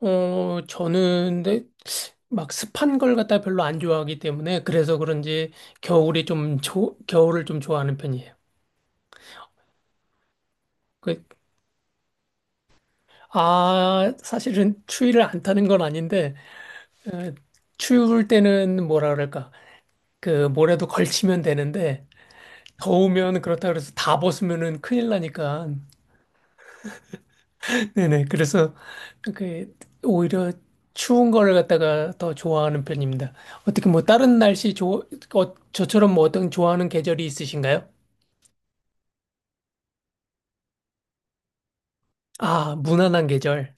저는 근데 막 습한 걸 갖다 별로 안 좋아하기 때문에 그래서 그런지 겨울이 겨울을 좀 좋아하는 편이에요. 그, 아, 사실은 추위를 안 타는 건 아닌데 어, 추울 때는 뭐라 그럴까? 그 뭐라도 걸치면 되는데 더우면 그렇다 그래서 다 벗으면은 큰일 나니까. 네네. 그래서 그 오히려 추운 거를 갖다가 더 좋아하는 편입니다. 어떻게 뭐 다른 날씨 좋 어, 저처럼 뭐 어떤 좋아하는 계절이 있으신가요? 아, 무난한 계절.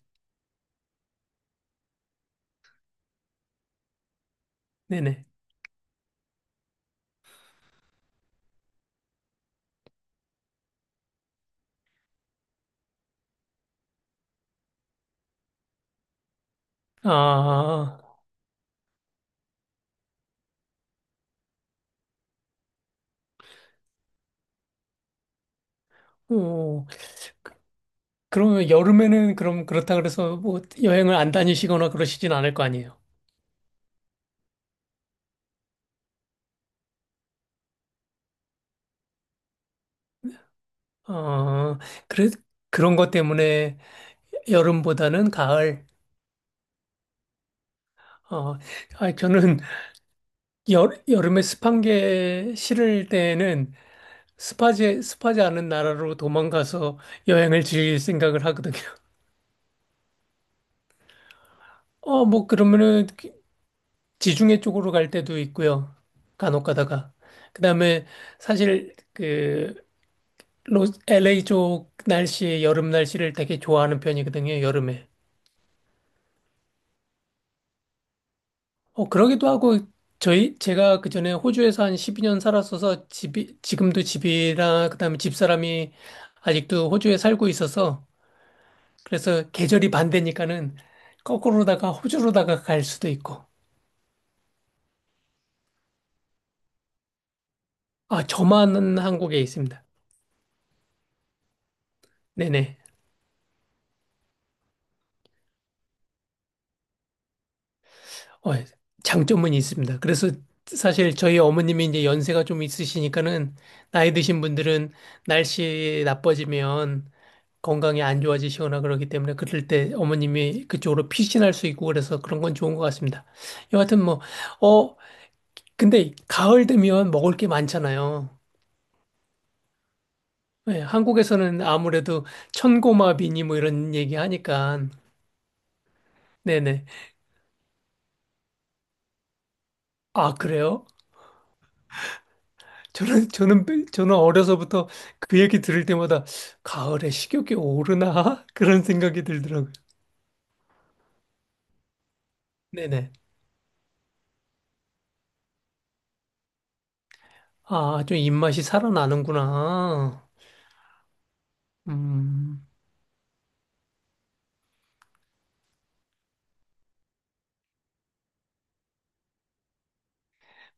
네네. 아, 오. 그러면 여름에는 그럼 그렇다 그래서 뭐 여행을 안 다니시거나 그러시진 않을 거 아니에요. 어, 그래, 그런 것 때문에 여름보다는 가을. 어, 아, 저는 여름에 습한 게 싫을 때는 습하지 않은 나라로 도망가서 여행을 즐길 생각을 하거든요. 어, 뭐, 그러면은 지중해 쪽으로 갈 때도 있고요. 간혹 가다가. 그다음에 사실 LA 쪽 날씨, 여름 날씨를 되게 좋아하는 편이거든요, 여름에. 어, 그러기도 하고 저희 제가 그전에 호주에서 한 12년 살았어서 집이랑 그다음에 집사람이 아직도 호주에 살고 있어서, 그래서 계절이 반대니까는 거꾸로다가 호주로다가 갈 수도 있고. 아, 저만 한국에 있습니다. 네네. 어, 장점은 있습니다. 그래서 사실 저희 어머님이 이제 연세가 좀 있으시니까는 나이 드신 분들은 날씨 나빠지면 건강이 안 좋아지시거나 그러기 때문에 그럴 때 어머님이 그쪽으로 피신할 수 있고 그래서 그런 건 좋은 것 같습니다. 여하튼 뭐, 어, 근데 가을 되면 먹을 게 많잖아요. 네, 한국에서는 아무래도 천고마비니 뭐 이런 얘기 하니까. 네네. 아, 그래요? 저는, 저는, 저는 어려서부터 그 얘기 들을 때마다 가을에 식욕이 오르나? 그런 생각이 들더라고요. 네네. 아, 좀 입맛이 살아나는구나. 음,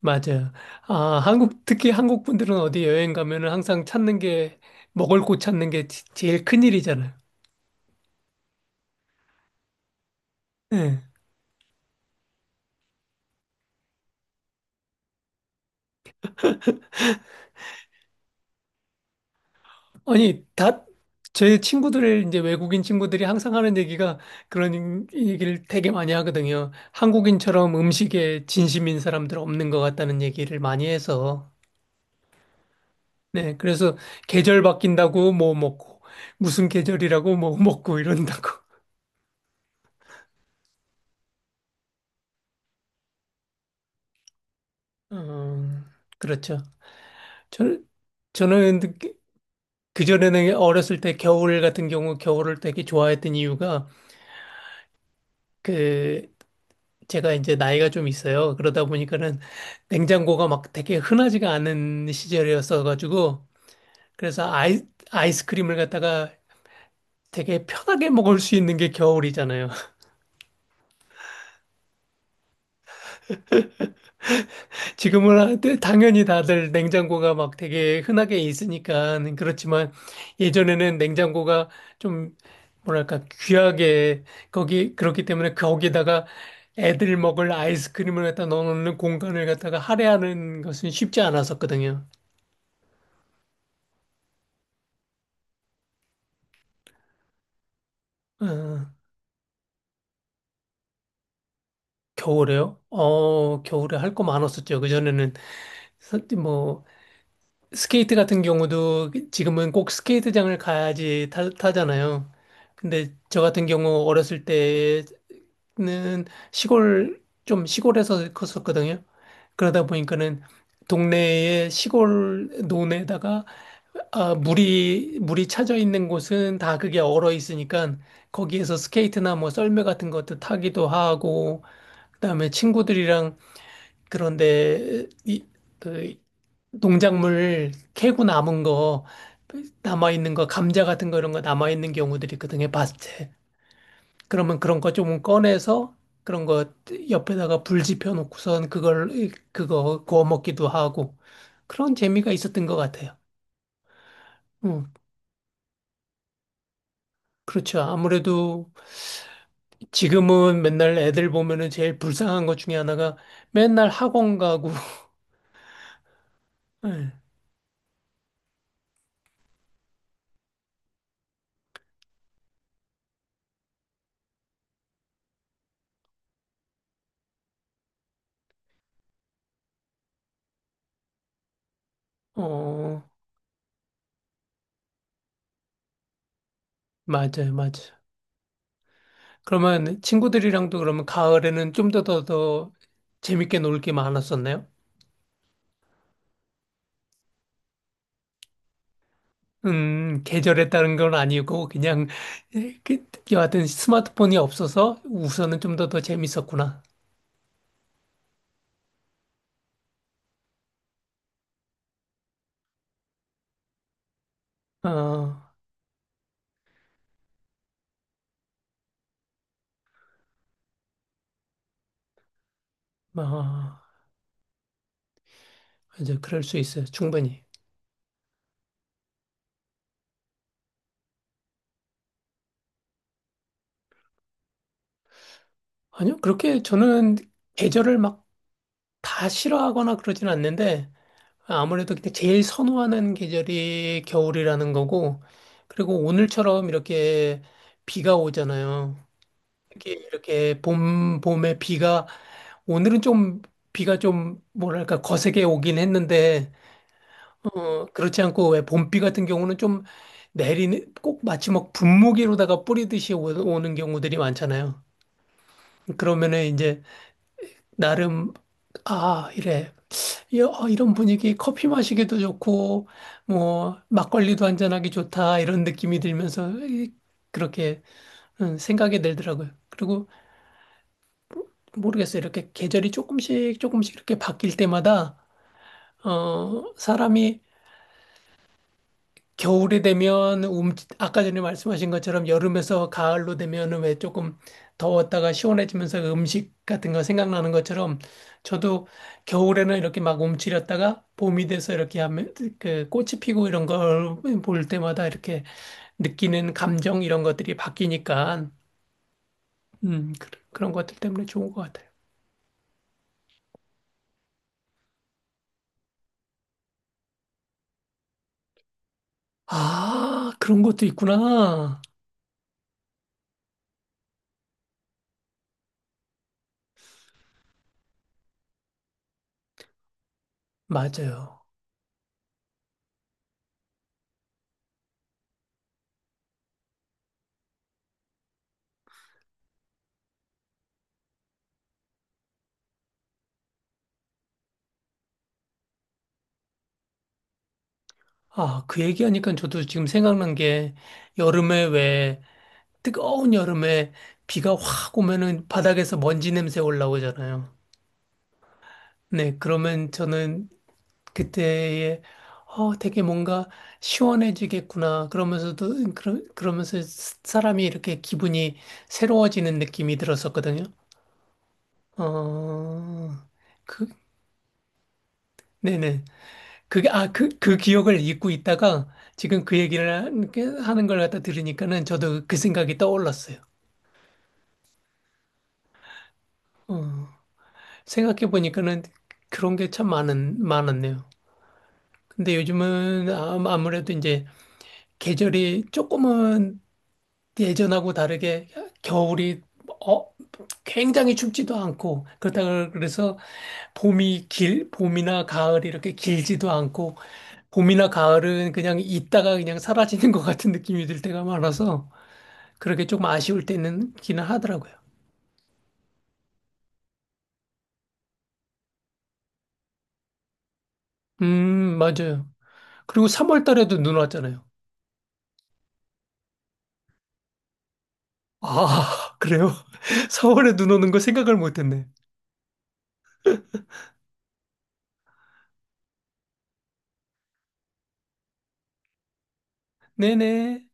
맞아요. 아, 한국, 특히 한국 분들은 어디 여행 가면은 항상 찾는 게, 먹을 곳 찾는 게 제일 큰일이잖아요. 네. 아니, 다, 제 친구들, 이제 외국인 친구들이 항상 하는 얘기가, 그런 얘기를 되게 많이 하거든요. 한국인처럼 음식에 진심인 사람들 없는 것 같다는 얘기를 많이 해서. 네, 그래서 계절 바뀐다고 뭐 먹고, 무슨 계절이라고 뭐 먹고 이런다고. 음, 그렇죠. 저, 저는 그전에는 어렸을 때 겨울 같은 경우 겨울을 되게 좋아했던 이유가 그 제가 이제 나이가 좀 있어요. 그러다 보니까는 냉장고가 막 되게 흔하지가 않은 시절이었어가지고, 그래서 아이스크림을 갖다가 되게 편하게 먹을 수 있는 게 겨울이잖아요. 지금은 네, 당연히 다들 냉장고가 막 되게 흔하게 있으니까 그렇지만 예전에는 냉장고가 좀 뭐랄까 귀하게, 거기 그렇기 때문에 거기다가 애들 먹을 아이스크림을 갖다 넣어놓는 공간을 갖다가 할애하는 것은 쉽지 않았었거든요. 어. 겨울에요? 어, 겨울에 할 거 많았었죠. 그전에는 뭐 스케이트 같은 경우도 지금은 꼭 스케이트장을 가야지 타잖아요. 근데 저 같은 경우 어렸을 때는 시골 좀 시골에서 컸었거든요. 그러다 보니까는 동네에 시골 논에다가, 아, 물이 차져 있는 곳은 다 그게 얼어 있으니까 거기에서 스케이트나 뭐 썰매 같은 것도 타기도 하고, 그다음에 친구들이랑 그런데 이, 그 농작물 캐고 남은 거, 남아 있는 거 감자 같은 거 이런 거 남아 있는 경우들이 있거든요. 밭에. 그러면 그런 거 조금 꺼내서 그런 거 옆에다가 불 지펴 놓고선 그걸 그거 구워 먹기도 하고 그런 재미가 있었던 것 같아요. 음, 그렇죠. 아무래도 지금은 맨날 애들 보면은 제일 불쌍한 것 중에 하나가 맨날 학원 가고. 예. 어, 맞아요, 맞아요. 그러면 친구들이랑도 그러면 가을에는 좀 더 재밌게 놀게 많았었나요? 계절에 따른 건 아니고 그냥 여하튼 스마트폰이 없어서 우선은 좀 더 재밌었구나. 어, 어, 이제 그럴 수 있어요. 충분히. 아니요, 그렇게 저는 계절을 막 다 싫어하거나 그러진 않는데 아무래도 그 제일 선호하는 계절이 겨울이라는 거고, 그리고 오늘처럼 이렇게 비가 오잖아요. 이게 이렇게 봄에 비가, 오늘은 좀 비가 좀 뭐랄까 거세게 오긴 했는데, 어, 그렇지 않고 왜 봄비 같은 경우는 좀 내리는, 꼭 마치 막 분무기로다가 뿌리듯이 오는 경우들이 많잖아요. 그러면은 이제 나름, 아, 이래. 이런 분위기 커피 마시기도 좋고, 뭐, 막걸리도 한잔하기 좋다, 이런 느낌이 들면서 그렇게 생각이 들더라고요. 그리고 모르겠어요. 이렇게 계절이 조금씩 조금씩 이렇게 바뀔 때마다, 어, 사람이 겨울이 되면 움, 아까 전에 말씀하신 것처럼 여름에서 가을로 되면은 왜 조금 더웠다가 시원해지면서 음식 같은 거 생각나는 것처럼 저도 겨울에는 이렇게 막 움츠렸다가 봄이 돼서 이렇게 하면 그 꽃이 피고 이런 걸 볼 때마다 이렇게 느끼는 감정 이런 것들이 바뀌니까, 그런 것들 때문에 좋은 것 같아요. 아, 그런 것도 있구나. 맞아요. 아, 그 얘기하니까 저도 지금 생각난 게 여름에 왜 뜨거운 여름에 비가 확 오면은 바닥에서 먼지 냄새 올라오잖아요. 네, 그러면 저는 그때에 어, 되게 뭔가 시원해지겠구나. 그러면서도 그러면서 사람이 이렇게 기분이 새로워지는 느낌이 들었었거든요. 어, 그 네네. 아, 그 기억을 잊고 있다가 지금 그 얘기를 이렇게 하는 걸 갖다 들으니까는 저도 그 생각이 떠올랐어요. 어, 생각해보니까는 그런 게 참 많았네요. 근데 요즘은 아무래도 이제 계절이 조금은 예전하고 다르게 겨울이 어, 굉장히 춥지도 않고 그렇다고 그래서 봄이나 가을이 이렇게 길지도 않고 봄이나 가을은 그냥 있다가 그냥 사라지는 것 같은 느낌이 들 때가 많아서 그렇게 조금 아쉬울 때는 있기는 하더라고요. 맞아요. 그리고 3월 달에도 눈 왔잖아요. 아, 그래요? 4월에 눈 오는 거 생각을 못 했네. 네네.